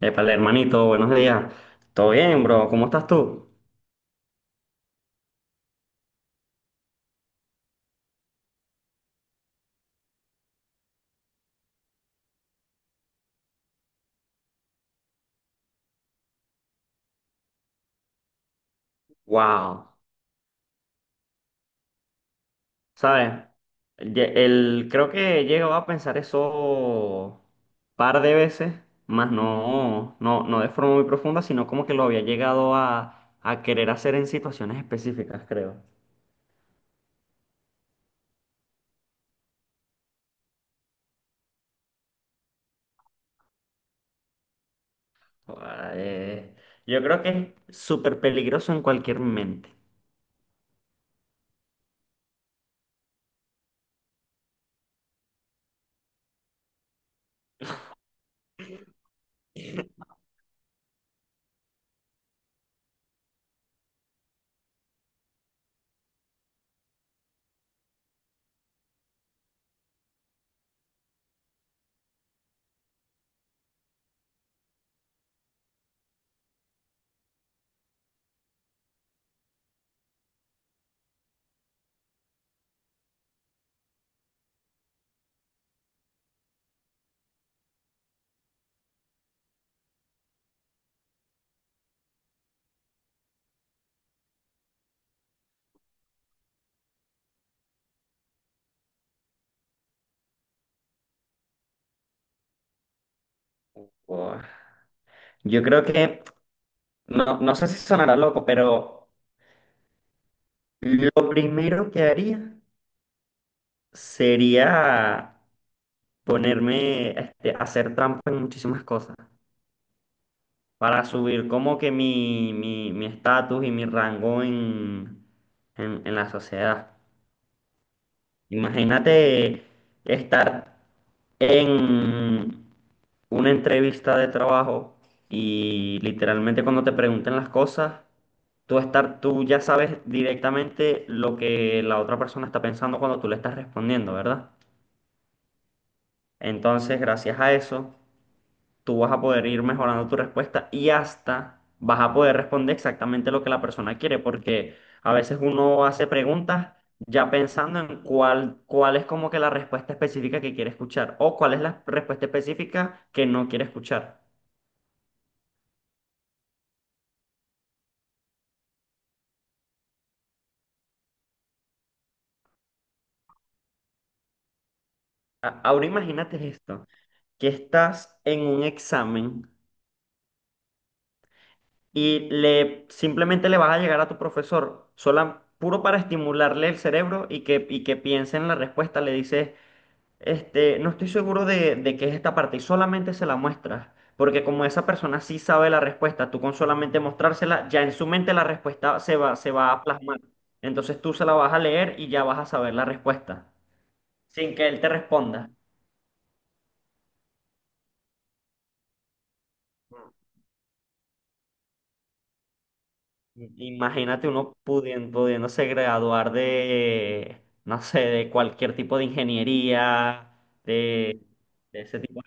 Épale, hermanito, buenos días. ¿Todo bien, bro? ¿Cómo estás tú? Wow, ¿sabes? Creo que he llegado a pensar eso par de veces, más no de forma muy profunda, sino como que lo había llegado a querer hacer en situaciones específicas, creo. Guau. eh, yo creo que es súper peligroso en cualquier mente. Guau. Yo creo que, no sé si sonará loco, pero lo primero que haría sería ponerme este, a hacer trampa en muchísimas cosas, para subir como que mi estatus y mi rango en la sociedad. Imagínate estar en una entrevista de trabajo y literalmente cuando te pregunten las cosas, tú ya sabes directamente lo que la otra persona está pensando cuando tú le estás respondiendo, ¿verdad? Entonces, gracias a eso tú vas a poder ir mejorando tu respuesta y hasta vas a poder responder exactamente lo que la persona quiere, porque a veces uno hace preguntas ya pensando en cuál es como que la respuesta específica que quiere escuchar o cuál es la respuesta específica que no quiere escuchar. Ahora imagínate esto, que estás en un examen y simplemente le vas a llegar a tu profesor, sola, puro para estimularle el cerebro y y que piense en la respuesta, le dices... Este, no estoy seguro de qué es esta parte y solamente se la muestras, porque como esa persona sí sabe la respuesta, tú con solamente mostrársela, ya en su mente la respuesta se va a plasmar. Entonces tú se la vas a leer y ya vas a saber la respuesta, sin que él te responda. Imagínate uno pudiéndose graduar de, no sé, de cualquier tipo de ingeniería, de, de ese tipo.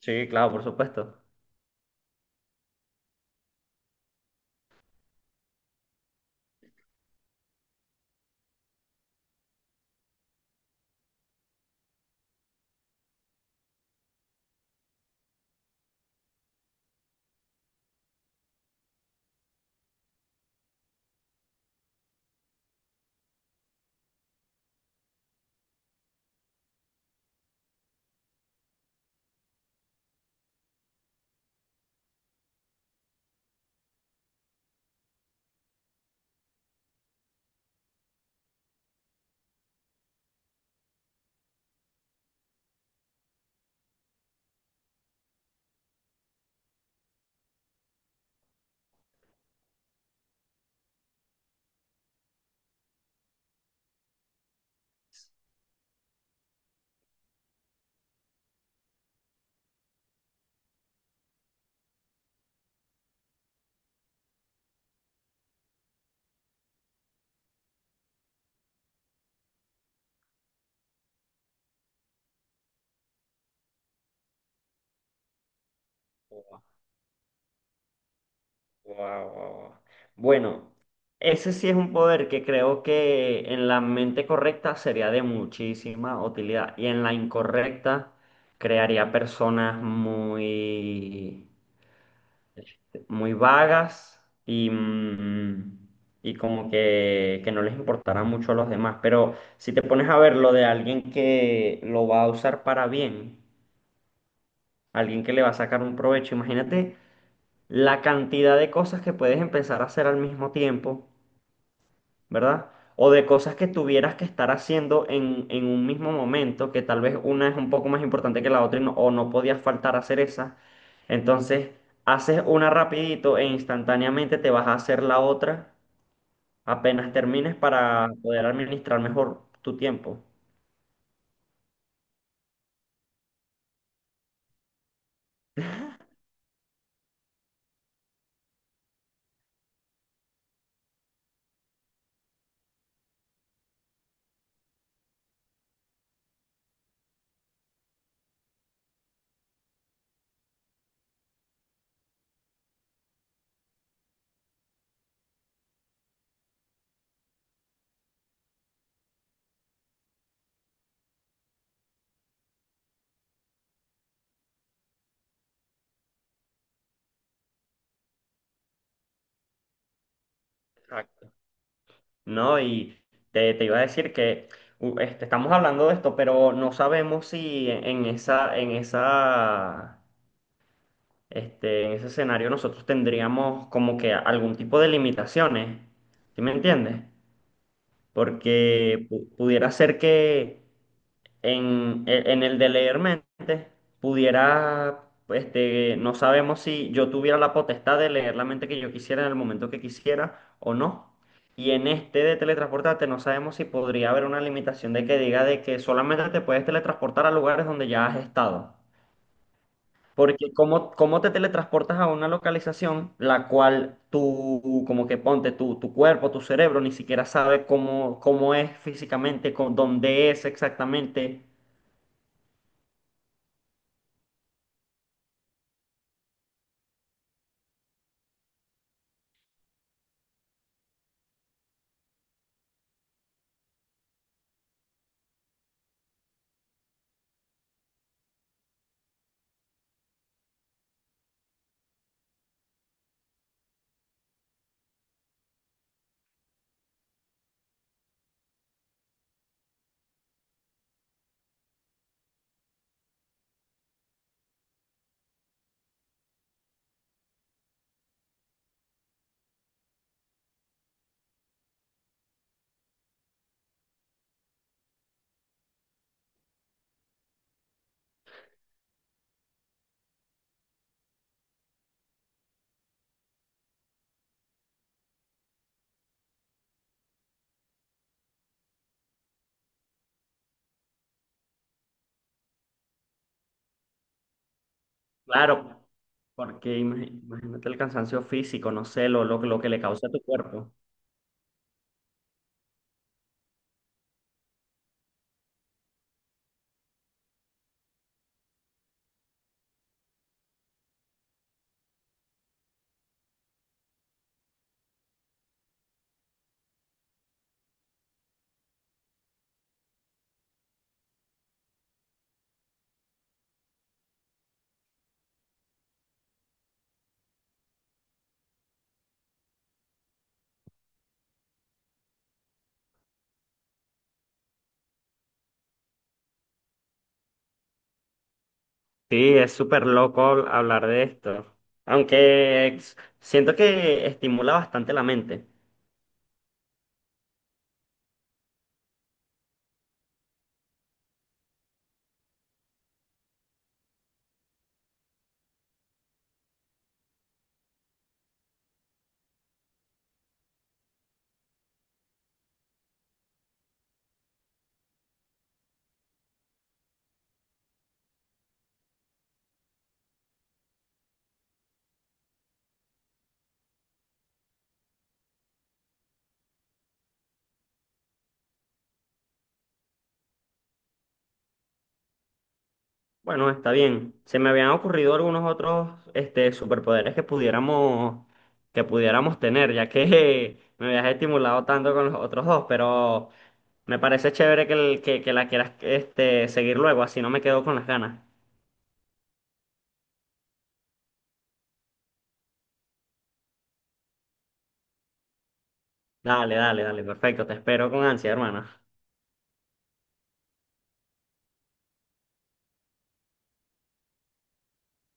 Sí, claro, por supuesto. Guau, guau, guau. Bueno, ese sí es un poder que creo que en la mente correcta sería de muchísima utilidad y en la incorrecta crearía personas muy, muy vagas y, mm, y como que no les importará mucho a los demás. Pero si te pones a ver lo de alguien que lo va a usar para bien, alguien que le va a sacar un provecho, imagínate la cantidad de cosas que puedes empezar a hacer al mismo tiempo, ¿verdad? O de cosas que tuvieras que estar haciendo en un mismo momento, que tal vez una es un poco más importante que la otra y o no podías faltar a hacer esa. Entonces, haces una rapidito e instantáneamente te vas a hacer la otra apenas termines para poder administrar mejor tu tiempo. Exacto. ¿No? Y te iba a decir que este, estamos hablando de esto, pero no sabemos si en esa este, en ese escenario nosotros tendríamos como que algún tipo de limitaciones, ¿sí me entiendes? Porque pudiera ser que en, en el de leer mente pudiera, este, no sabemos si yo tuviera la potestad de leer la mente que yo quisiera en el momento que quisiera o no. Y en este de teletransportarte no sabemos si podría haber una limitación de que diga de que solamente te puedes teletransportar a lugares donde ya has estado. Porque cómo te teletransportas a una localización la cual tú, como que ponte, tu cuerpo, tu cerebro, ni siquiera sabe cómo, cómo es físicamente, con, dónde es exactamente. Claro, porque imagínate el cansancio físico, no sé, lo que le causa a tu cuerpo. Sí, es súper loco hablar de esto. Aunque siento que estimula bastante la mente. Bueno, está bien. Se me habían ocurrido algunos otros este, superpoderes que pudiéramos tener, ya que me habías estimulado tanto con los otros dos, pero me parece chévere que, que la quieras este, seguir luego, así no me quedo con las ganas. Dale, dale, dale, perfecto. Te espero con ansia, hermana.